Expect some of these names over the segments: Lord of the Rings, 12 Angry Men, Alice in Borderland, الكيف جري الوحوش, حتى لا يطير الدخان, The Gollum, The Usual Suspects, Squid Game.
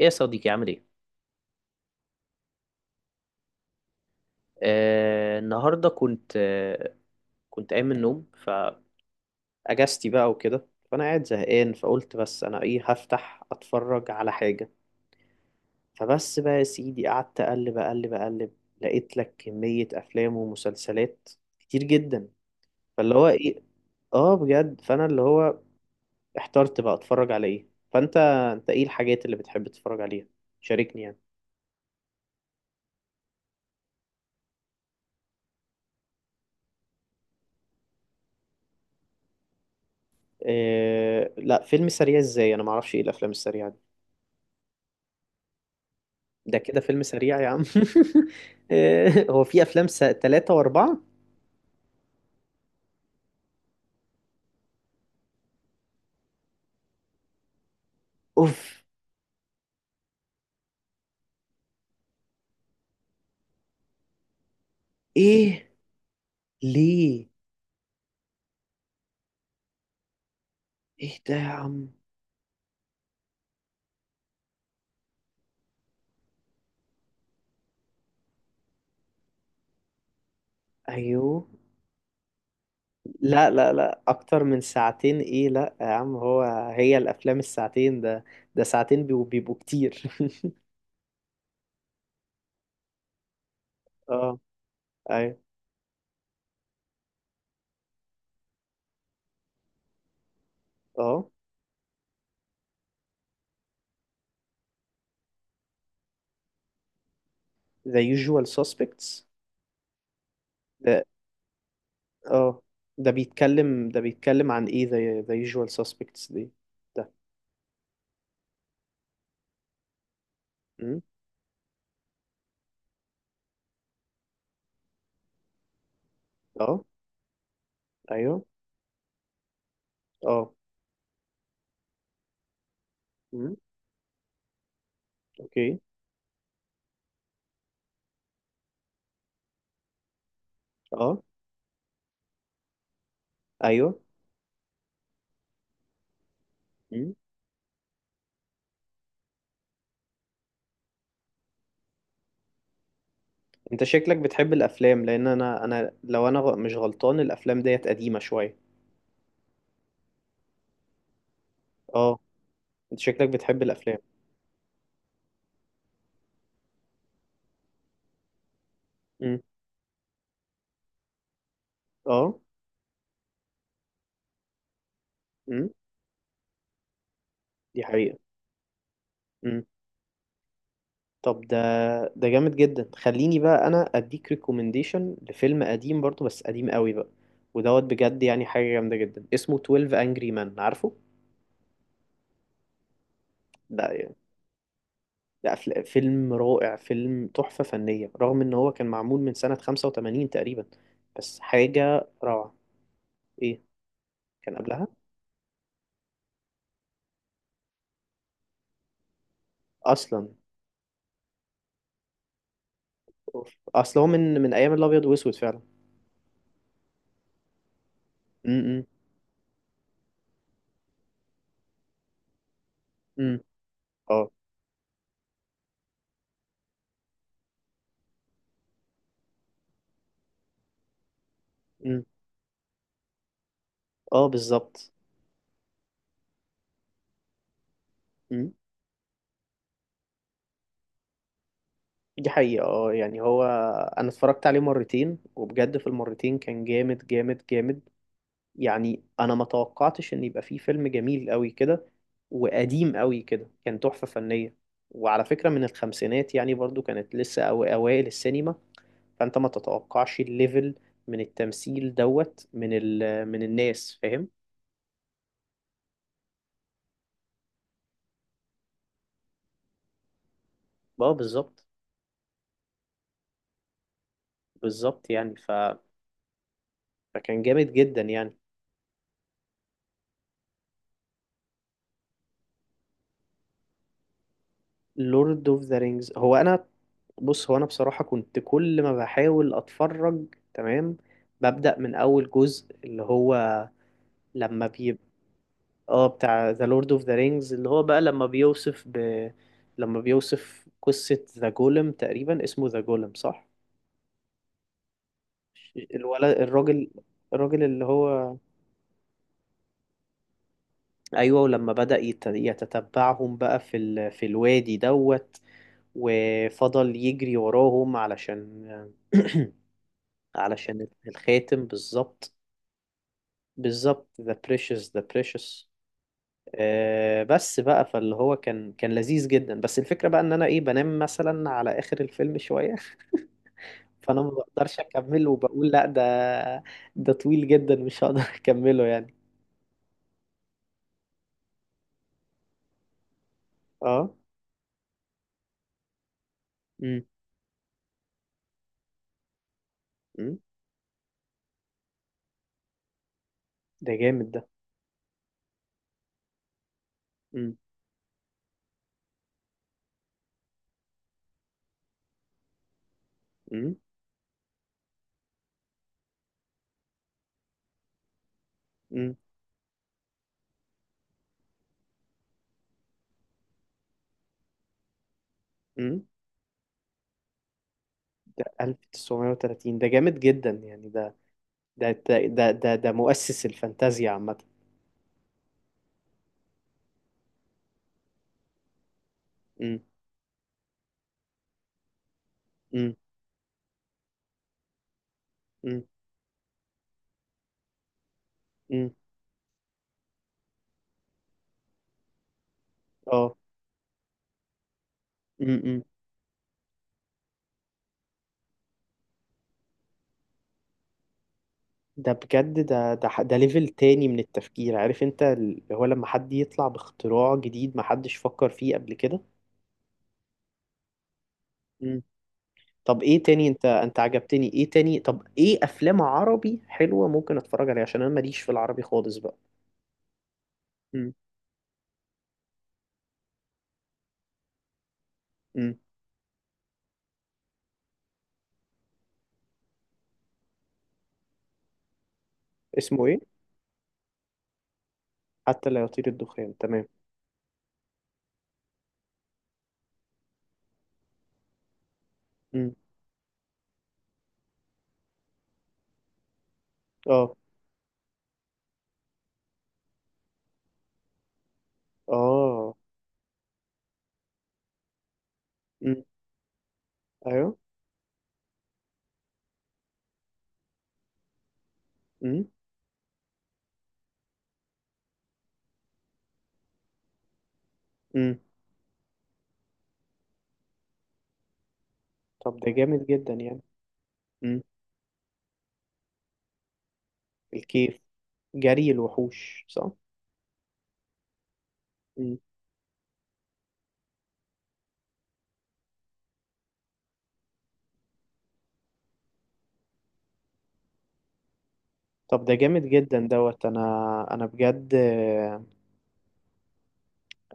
ايه يا صديقي؟ عامل ايه؟ النهارده كنت قايم من النوم، فاجازتي بقى وكده، فانا قاعد زهقان فقلت بس انا ايه هفتح اتفرج على حاجه. فبس بقى يا سيدي قعدت اقلب اقلب اقلب، لقيت لك كميه افلام ومسلسلات كتير جدا. فاللي هو ايه؟ اه بجد، فانا اللي هو احترت بقى اتفرج على ايه. فانت انت ايه الحاجات اللي بتحب تتفرج عليها؟ شاركني يعني. آه لا، فيلم سريع ازاي؟ انا معرفش ايه الافلام السريعه دي. ده كده فيلم سريع يا عم؟ هو في افلام س... تلاتة واربعة؟ اوف. ايه؟ ليه؟ ايه ده يا عم؟ ايوه. لا، اكتر من ساعتين؟ ايه؟ لا يا عم، هي الافلام الساعتين ده، ده ساعتين بيبقوا كتير. اه. ايوه. اه. The Usual Suspects. ده اه، ده بيتكلم، ده بيتكلم عن ايه The Usual Suspects دي؟ ده أمم، اه. ايوه. اه أمم، اوكي. اه. ايوه. مم. انت شكلك بتحب الافلام، لان انا لو انا مش غلطان الافلام ديت قديمه شويه. اه. انت شكلك بتحب الافلام. مم. اه. مم. دي حقيقه. مم. طب ده، ده جامد جدا. خليني بقى انا اديك ريكومنديشن لفيلم قديم برضو، بس قديم قوي بقى، ودوت بجد يعني حاجه جامده جدا، اسمه 12 انجري مان، عارفه؟ ده يعني ده فيلم رائع، فيلم تحفه فنيه، رغم ان هو كان معمول من سنه 85 تقريبا، بس حاجه روعه. ايه؟ كان قبلها اصلا. أوف. اصل هو من ايام الابيض واسود فعلا. امم امم. اه. امم. اه بالظبط. امم. دي حقيقة. اه يعني هو انا اتفرجت عليه مرتين، وبجد في المرتين كان جامد جامد جامد. يعني انا ما توقعتش ان يبقى فيه فيلم جميل قوي كده وقديم قوي كده، كان تحفة فنية. وعلى فكرة من الخمسينات يعني، برضو كانت لسه أو اوائل السينما، فانت ما تتوقعش الليفل من التمثيل، دوت من ال من الناس، فاهم؟ اه بالظبط. بالظبط يعني ف... فكان جامد جدا يعني. لورد اوف ذا رينجز، هو انا، بص هو انا بصراحة كنت كل ما بحاول اتفرج، تمام، ببدأ من اول جزء اللي هو، لما بيبقى، اه بتاع ذا لورد اوف ذا رينجز، اللي هو بقى لما بيوصف ب... لما بيوصف قصة ذا جولم، تقريبا اسمه ذا جولم، صح؟ الولد الراجل، الراجل اللي هو. ايوه، ولما بدأ يتتبعهم بقى في ال... في الوادي دوت، وفضل يجري وراهم علشان علشان الخاتم بالظبط. بالظبط، the precious the precious. آه بس بقى، فاللي هو كان كان لذيذ جدا، بس الفكرة بقى ان انا ايه، بنام مثلا على اخر الفيلم شوية. فانا ما بقدرش اكمله وبقول لا، ده ده طويل جدا، مش هقدر اكمله يعني. اه. امم. امم. ده جامد ده. امم. امم امم، امم. ده 1930 ده جامد جدا يعني. ده ده مؤسس الفانتازيا عامة. امم. امم. امم. امم. اه. امم. امم. ده بجد، ده ده ده ليفل تاني من التفكير، عارف انت اللي هو لما حد يطلع باختراع جديد ما حدش فكر فيه قبل كده. امم. طب ايه تاني؟ انت عجبتني ايه تاني؟ طب ايه افلام عربي حلوة ممكن اتفرج عليها، عشان انا ماليش في العربي خالص بقى. امم. امم. اسمه ايه؟ حتى لا يطير الدخان، تمام. امم. اه. اه. ايوه. امم. امم. طب ده جامد جدا يعني. امم. الكيف. جري الوحوش، صح. مم. طب ده جامد جدا دوت. انا، انا بجد،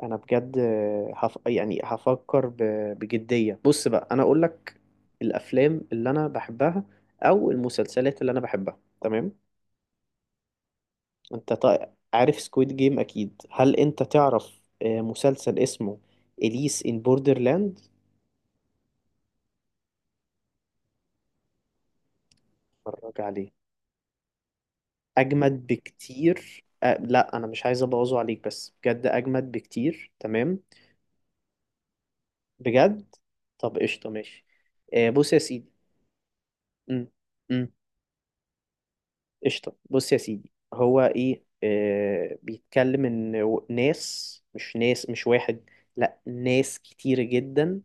انا بجد هف... يعني هفكر ب... بجدية. بص بقى انا اقول لك، الافلام اللي انا بحبها او المسلسلات اللي انا بحبها، تمام؟ انت طيب عارف سكويد جيم اكيد؟ هل انت تعرف آه، مسلسل اسمه اليس ان بوردرلاند؟ اتفرج عليه، اجمد بكتير. أه لا انا مش عايز ابوظه عليك، بس بجد اجمد بكتير، تمام. بجد. طب قشطه، ماشي. أه بص يا سيدي. امم. امم. قشطه، بص يا سيدي، هو ايه أه بيتكلم ان ناس، مش واحد، لا، ناس كتير جدا،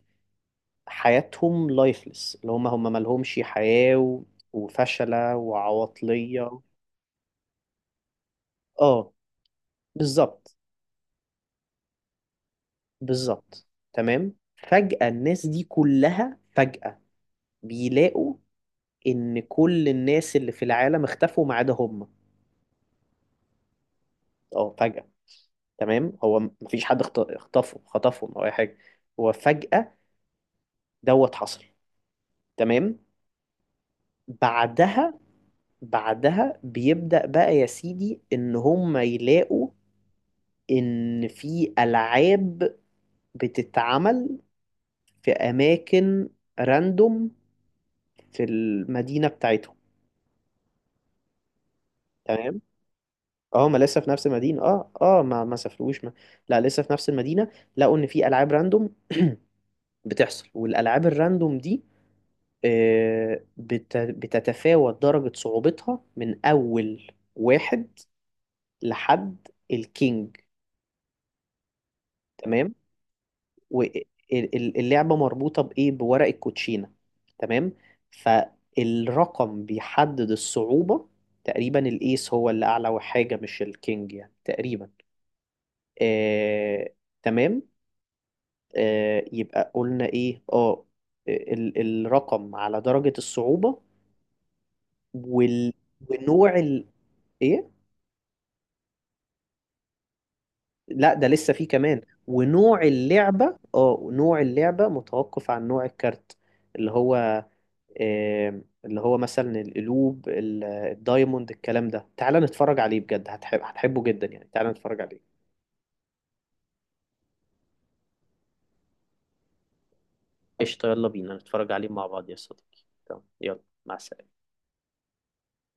حياتهم لايفلس، اللي هم مالهمش حياه، و- وفشله وعواطليه. اه بالظبط. بالظبط. تمام، فجأة الناس دي كلها فجأة بيلاقوا إن كل الناس اللي في العالم اختفوا ما عدا هم. اه فجأة. تمام، هو مفيش حد اختفوا خطفهم أو أي حاجة، هو فجأة دوت حصل، تمام. بعدها، بعدها بيبدأ بقى يا سيدي إن هم يلاقوا إن في ألعاب بتتعمل في أماكن راندوم في المدينة بتاعتهم. تمام. اه ما لسه في نفس المدينة، اه اه ما سافروش ما. لا لسه في نفس المدينة. لقوا ان في العاب راندوم بتحصل، والالعاب الراندوم دي آه، بتتفاوت درجة صعوبتها من اول واحد لحد الكينج. تمام. واللعبة مربوطة بايه، بورق الكوتشينة، تمام. فالرقم بيحدد الصعوبة، تقريبا الايس هو اللي اعلى حاجة مش الكينج يعني تقريبا. آه، تمام. آه، يبقى قلنا ايه؟ اه، آه، الرقم على درجة الصعوبة، وال... ونوع ال... ايه؟ لا ده لسه فيه كمان. ونوع اللعبة، اه نوع اللعبة متوقف عن نوع الكارت، اللي هو آه، اللي هو مثلا القلوب، الدايموند، الكلام ده. تعال نتفرج عليه بجد، هتحب، هتحبه جدا يعني. تعال نتفرج عليه. قشطة، يلا بينا نتفرج عليه مع بعض يا صديقي. تمام يلا، مع السلامة.